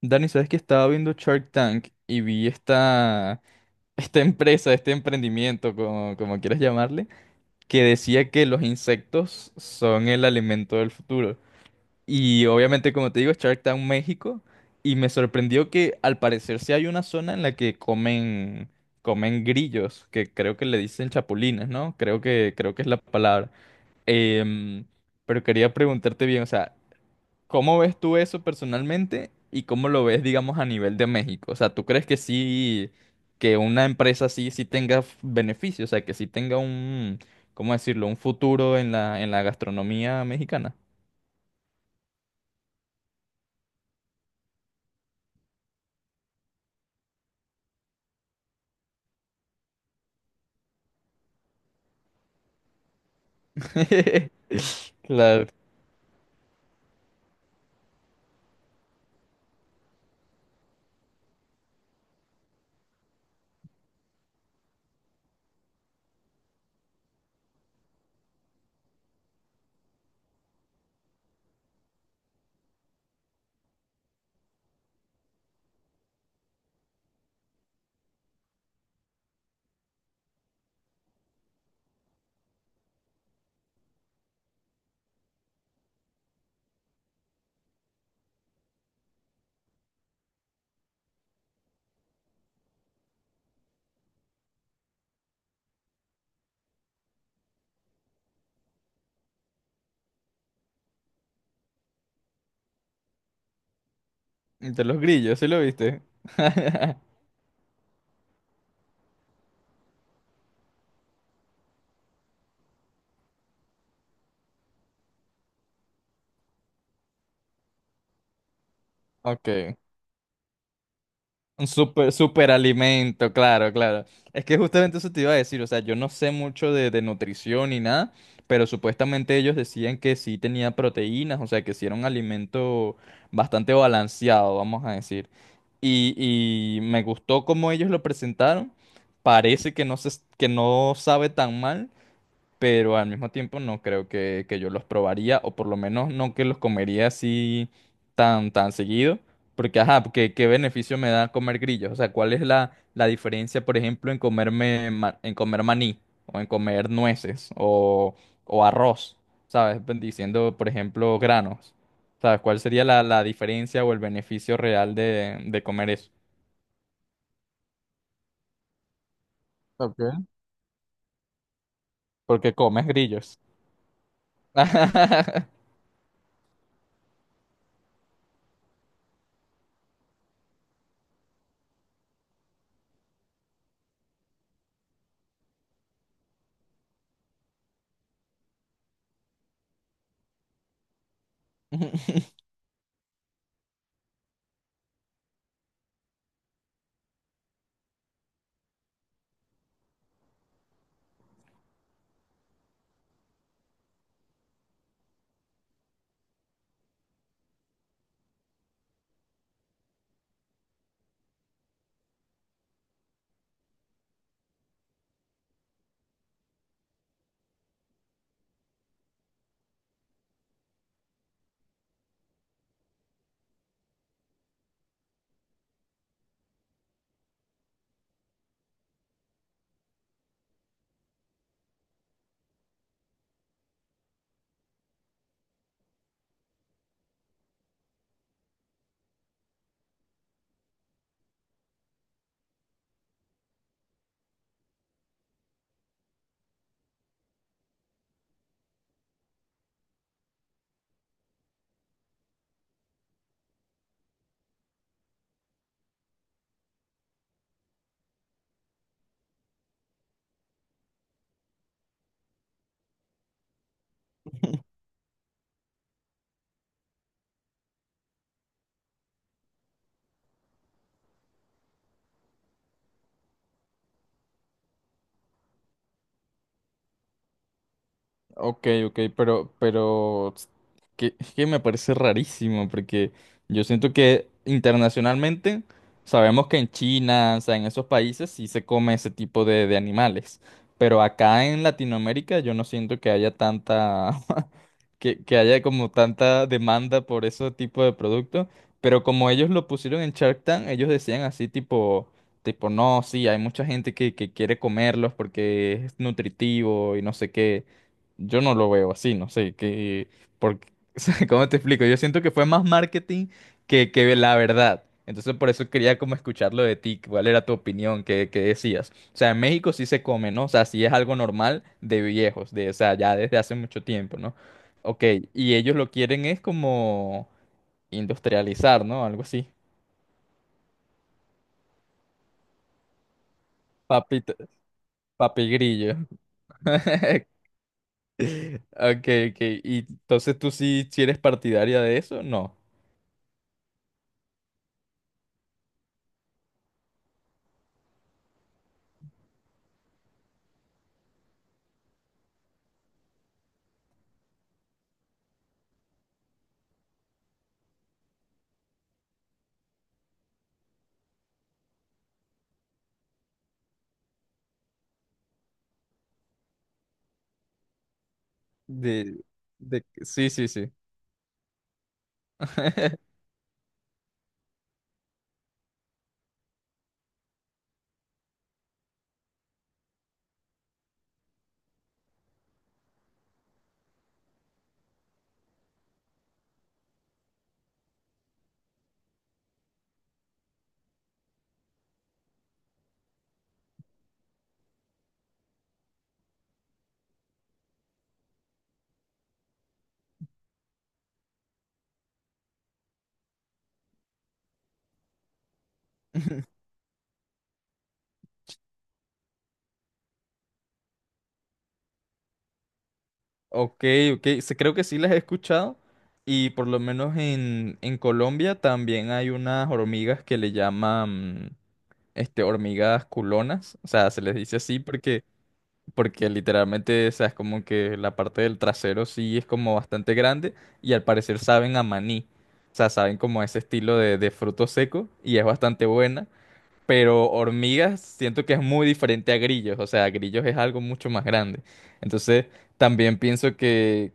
Dani, ¿sabes que estaba viendo Shark Tank y vi esta empresa, este emprendimiento, como quieras llamarle, que decía que los insectos son el alimento del futuro? Y obviamente, como te digo, Shark Tank México, y me sorprendió que al parecer sí hay una zona en la que comen grillos, que creo que le dicen chapulines, ¿no? Creo que es la palabra. Em, pero quería preguntarte bien, o sea, ¿cómo ves tú eso personalmente y cómo lo ves, digamos, a nivel de México? O sea, ¿tú crees que sí, que una empresa así sí tenga beneficios? O sea, que sí tenga un, ¿cómo decirlo? Un futuro en en la gastronomía mexicana. Claro. De los grillos, ¿sí lo viste? Ok. Un super, super alimento, claro, claro. Es que justamente eso te iba a decir, o sea, yo no sé mucho de nutrición ni nada, pero supuestamente ellos decían que sí tenía proteínas, o sea, que sí era un alimento bastante balanceado, vamos a decir. Y, y me gustó cómo ellos lo presentaron. Parece que no que no sabe tan mal, pero al mismo tiempo no creo que yo los probaría, o por lo menos no que los comería así tan seguido, porque ajá, porque qué beneficio me da comer grillos, o sea, ¿cuál es la diferencia, por ejemplo, en comerme, en comer maní, o en comer nueces, o arroz? ¿Sabes? Pues, diciendo, por ejemplo, granos, ¿sabes? ¿Cuál sería la diferencia o el beneficio real de comer eso? Ok. Porque comes grillos. Ok, ok, pero es es que me parece rarísimo, porque yo siento que internacionalmente sabemos que en China, o sea, en esos países sí se come ese tipo de animales, pero acá en Latinoamérica yo no siento que haya tanta, que haya como tanta demanda por ese tipo de producto, pero como ellos lo pusieron en Shark Tank, ellos decían así tipo, no, sí, hay mucha gente que quiere comerlos porque es nutritivo y no sé qué. Yo no lo veo así, no sé, porque, o sea, ¿cómo te explico? Yo siento que fue más marketing que la verdad. Entonces por eso quería como escucharlo de ti, cuál era tu opinión, qué decías. O sea, en México sí se come, ¿no? O sea, sí es algo normal de viejos, de, o sea, ya desde hace mucho tiempo, ¿no? Ok, y ellos lo quieren es como industrializar, ¿no? Algo así. Papito, papi grillo. Ok, ok. ¿Y entonces tú sí, sí eres partidaria de eso? No. De, de, sí, sí, sí. Ok, ok, creo que sí las he escuchado y por lo menos en Colombia también hay unas hormigas que le llaman este, hormigas culonas, o sea, se les dice así porque literalmente, o sea, es como que la parte del trasero sí es como bastante grande y al parecer saben a maní, o sea, saben como ese estilo de fruto seco y es bastante buena. Pero hormigas siento que es muy diferente a grillos, o sea, grillos es algo mucho más grande. Entonces, también pienso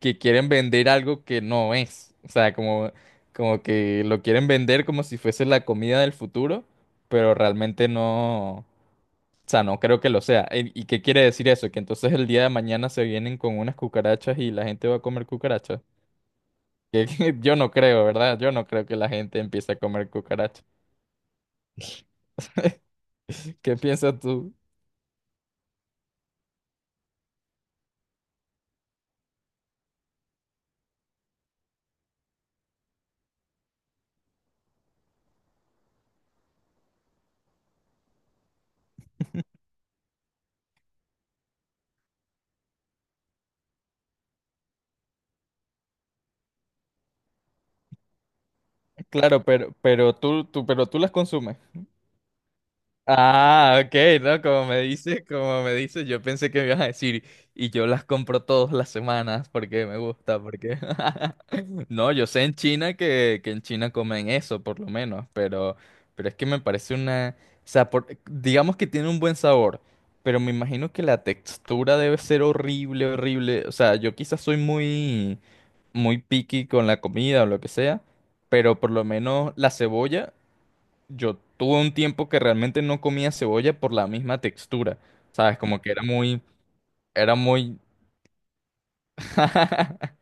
que quieren vender algo que no es, o sea, como, como que lo quieren vender como si fuese la comida del futuro, pero realmente no, o sea, no creo que lo sea. ¿Y qué quiere decir eso? Que entonces el día de mañana se vienen con unas cucarachas y la gente va a comer cucarachas. Que yo no creo, ¿verdad? Yo no creo que la gente empiece a comer cucarachas. ¿Qué piensas tú? Claro, pero pero tú las consumes. Ah, ok, no, como me como me dices, yo pensé que me ibas a decir, y yo las compro todas las semanas porque me gusta, porque... No, yo sé en China que en China comen eso, por lo menos, pero es que me parece una... O sea, por- digamos que tiene un buen sabor, pero me imagino que la textura debe ser horrible, horrible. O sea, yo quizás soy muy picky con la comida o lo que sea, pero por lo menos la cebolla. Yo tuve un tiempo que realmente no comía cebolla por la misma textura, ¿sabes? Como que era era muy...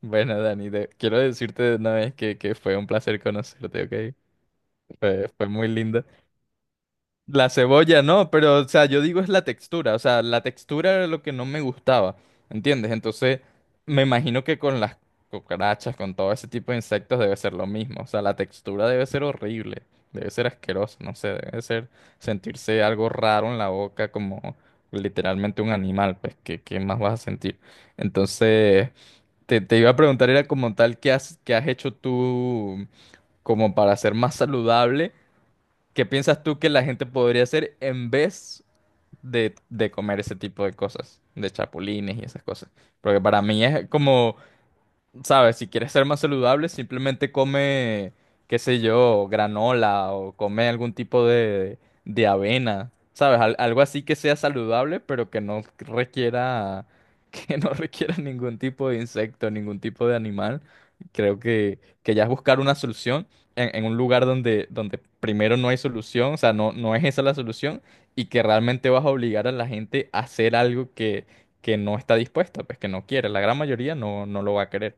Bueno, Dani, quiero decirte de una vez que fue un placer conocerte, ¿ok? Fue muy lindo. La cebolla no, pero o sea, yo digo es la textura, o sea, la textura era lo que no me gustaba, ¿entiendes? Entonces, me imagino que con las cucarachas, con todo ese tipo de insectos debe ser lo mismo, o sea, la textura debe ser horrible, debe ser asqueroso, no sé, debe ser sentirse algo raro en la boca como literalmente un animal, pues, qué más vas a sentir? Entonces, te iba a preguntar, era como tal, qué has hecho tú como para ser más saludable? ¿Qué piensas tú que la gente podría hacer en vez de comer ese tipo de cosas, de chapulines y esas cosas? Porque para mí es como ¿sabes? Si quieres ser más saludable, simplemente come, qué sé yo, granola o come algún tipo de avena, ¿sabes? Algo así que sea saludable, pero que no requiera, que no requiera ningún tipo de insecto, ningún tipo de animal. Creo que ya es buscar una solución en un lugar donde, donde primero no hay solución, o sea, no, no es esa la solución, y que realmente vas a obligar a la gente a hacer algo que no está dispuesta, pues que no quiere. La gran mayoría no, no lo va a querer.